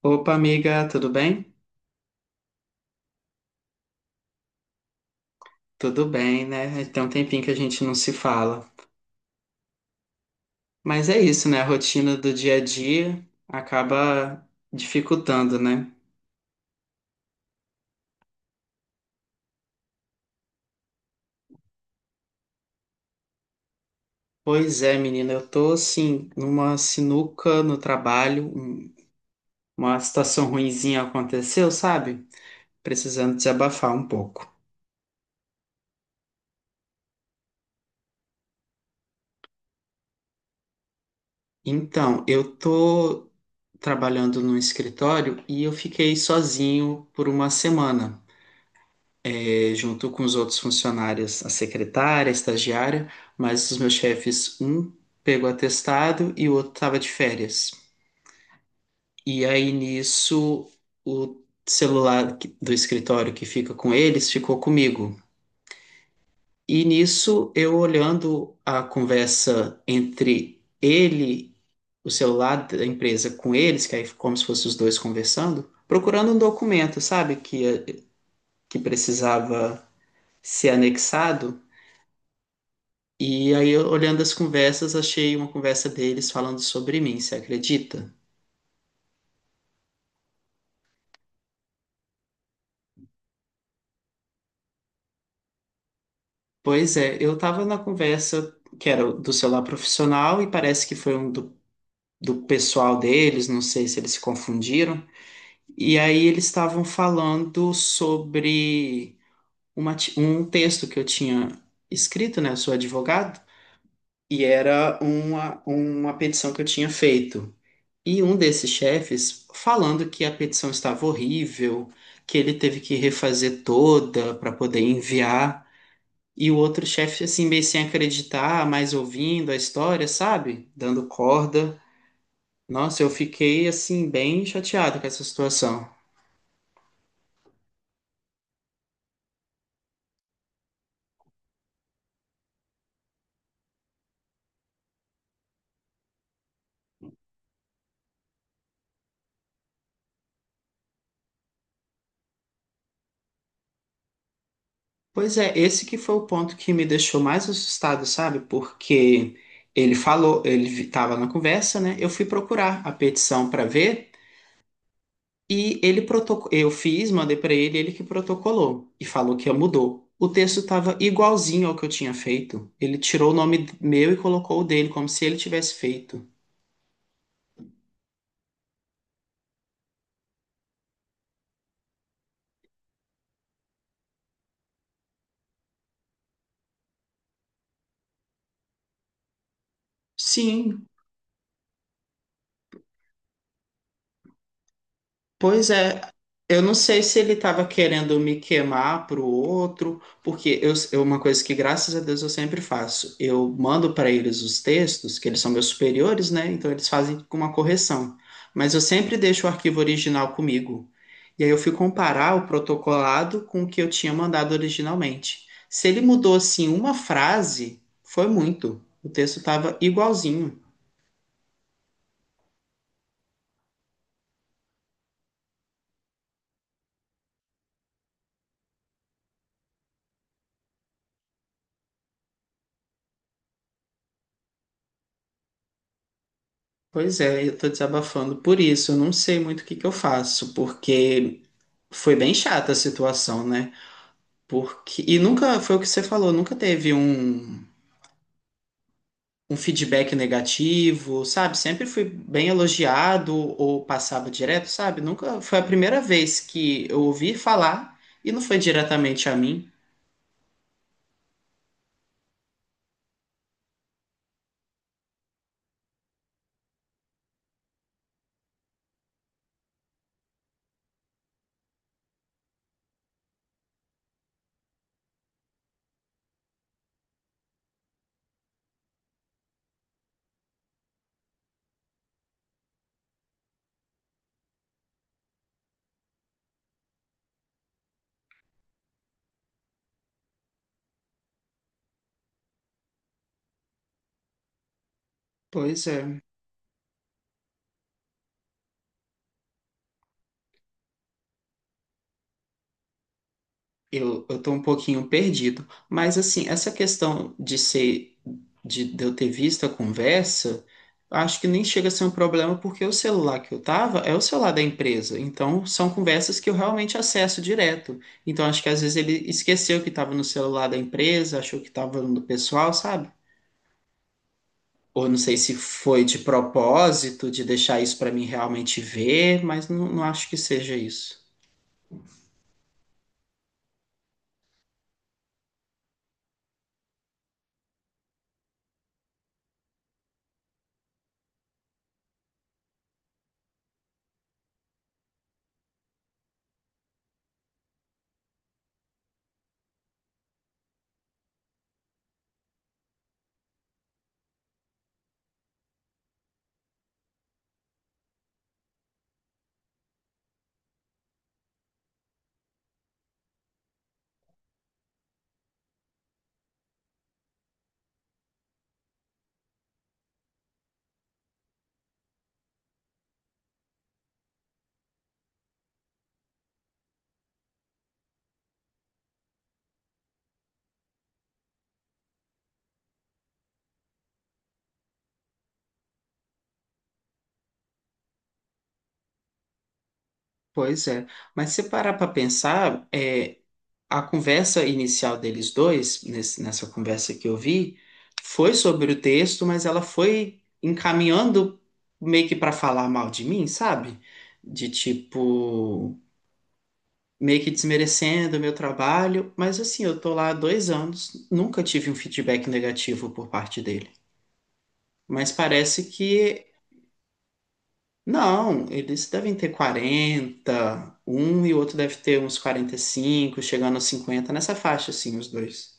Opa, amiga, tudo bem? Tudo bem, né? Tem um tempinho que a gente não se fala. Mas é isso, né? A rotina do dia a dia acaba dificultando, né? Pois é, menina, eu tô assim, numa sinuca no trabalho, uma situação ruinzinha aconteceu, sabe? Precisando desabafar um pouco. Então, eu tô trabalhando num escritório e eu fiquei sozinho por uma semana. Junto com os outros funcionários, a secretária, a estagiária, mas os meus chefes, um pegou atestado e o outro estava de férias. E aí nisso, o celular do escritório que fica com eles ficou comigo. E nisso, eu olhando a conversa entre ele, o celular da empresa com eles, que aí ficou como se fossem os dois conversando, procurando um documento, sabe, que precisava ser anexado. E aí, eu, olhando as conversas, achei uma conversa deles falando sobre mim, você acredita? Pois é, eu tava na conversa que era do celular profissional e parece que foi um do, do pessoal deles, não sei se eles se confundiram. E aí eles estavam falando sobre um texto que eu tinha escrito, né? Eu sou advogado, e era uma petição que eu tinha feito. E um desses chefes falando que a petição estava horrível, que ele teve que refazer toda para poder enviar. E o outro chefe, assim, meio sem acreditar, mas ouvindo a história, sabe? Dando corda. Nossa, eu fiquei, assim, bem chateado com essa situação. Pois é, esse que foi o ponto que me deixou mais assustado, sabe? Porque ele falou, ele estava na conversa, né? Eu fui procurar a petição para ver. E ele protocolou, eu fiz, mandei para ele, ele que protocolou e falou que mudou. O texto estava igualzinho ao que eu tinha feito. Ele tirou o nome meu e colocou o dele, como se ele tivesse feito. Sim. Pois é, eu não sei se ele estava querendo me queimar pro outro, porque uma coisa que graças a Deus eu sempre faço, eu mando para eles os textos, que eles são meus superiores, né? Então eles fazem com uma correção. Mas eu sempre deixo o arquivo original comigo. E aí eu fui comparar o protocolado com o que eu tinha mandado originalmente. Se ele mudou assim uma frase, foi muito. O texto estava igualzinho. Pois é, eu tô desabafando por isso. Eu não sei muito o que que eu faço, porque foi bem chata a situação, né? Porque e nunca foi o que você falou, nunca teve um, um feedback negativo, sabe? Sempre fui bem elogiado ou passava direto, sabe? Nunca foi a primeira vez que eu ouvi falar e não foi diretamente a mim. Pois é. Eu tô um pouquinho perdido, mas assim, essa questão de ser, de eu ter visto a conversa, acho que nem chega a ser um problema, porque o celular que eu tava é o celular da empresa, então são conversas que eu realmente acesso direto. Então acho que às vezes ele esqueceu que tava no celular da empresa, achou que tava no do pessoal, sabe? Ou não sei se foi de propósito, de deixar isso para mim realmente ver, mas não, não acho que seja isso. Pois é, mas se parar para pensar, é, a conversa inicial deles dois, nessa conversa que eu vi, foi sobre o texto, mas ela foi encaminhando meio que para falar mal de mim, sabe? De tipo, meio que desmerecendo o meu trabalho. Mas assim, eu tô lá há 2 anos, nunca tive um feedback negativo por parte dele. Mas parece que. Não, eles devem ter 41 e o outro deve ter uns 45, chegando aos 50 nessa faixa, assim, os dois.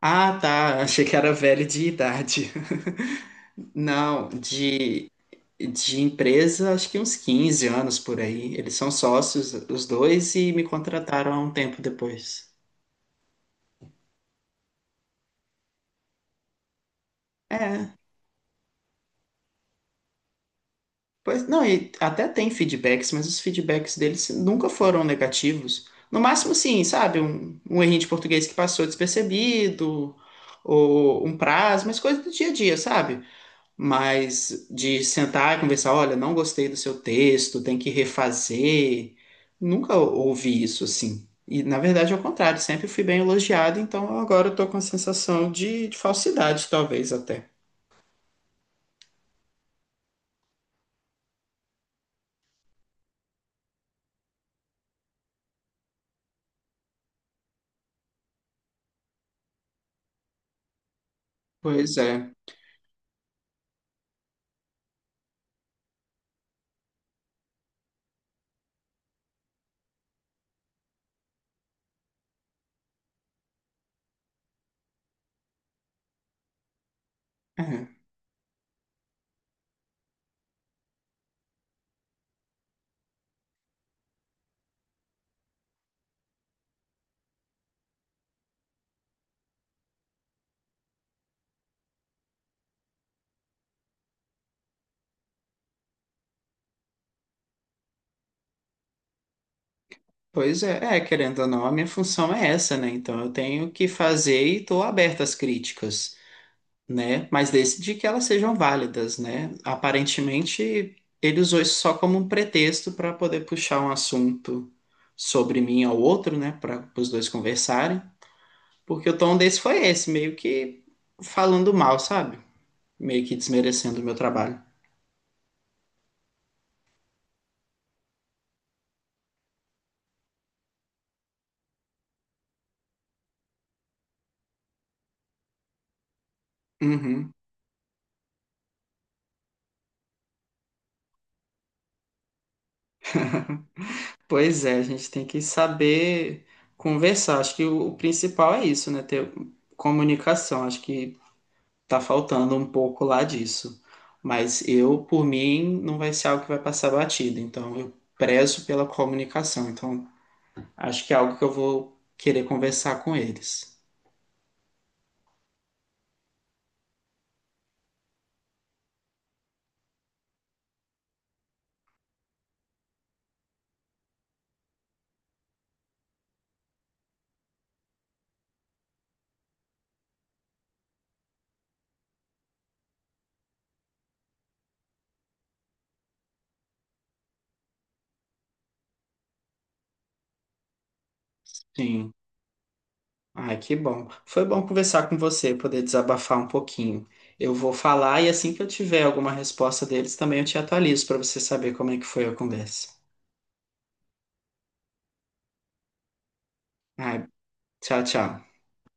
Ah, tá. Achei que era velho de idade. Não, de empresa, acho que uns 15 anos por aí. Eles são sócios, os dois, e me contrataram há um tempo depois. É, pois não, e até tem feedbacks, mas os feedbacks deles nunca foram negativos. No máximo, sim, sabe? Um errinho de português que passou despercebido, ou um prazo, mas coisa do dia a dia, sabe? Mas de sentar e conversar, olha, não gostei do seu texto, tem que refazer. Nunca ouvi isso assim. E na verdade é o contrário, sempre fui bem elogiado, então agora eu tô com a sensação de falsidade, talvez até. Pois é. É. Pois é, é, querendo ou não, a minha função é essa, né? Então eu tenho que fazer e estou aberto às críticas. Né? Mas desde que elas sejam válidas, né? Aparentemente, ele usou isso só como um pretexto para poder puxar um assunto sobre mim ao outro, né? Para os dois conversarem, porque o tom desse foi esse, meio que falando mal, sabe? Meio que desmerecendo o meu trabalho. Uhum. Pois é, a gente tem que saber conversar. Acho que o principal é isso, né? Ter comunicação. Acho que tá faltando um pouco lá disso. Mas eu, por mim, não vai ser algo que vai passar batido. Então, eu prezo pela comunicação. Então, acho que é algo que eu vou querer conversar com eles. Sim. Ai, que bom. Foi bom conversar com você, poder desabafar um pouquinho. Eu vou falar e assim que eu tiver alguma resposta deles, também eu te atualizo para você saber como é que foi a conversa. Ai, tchau, tchau.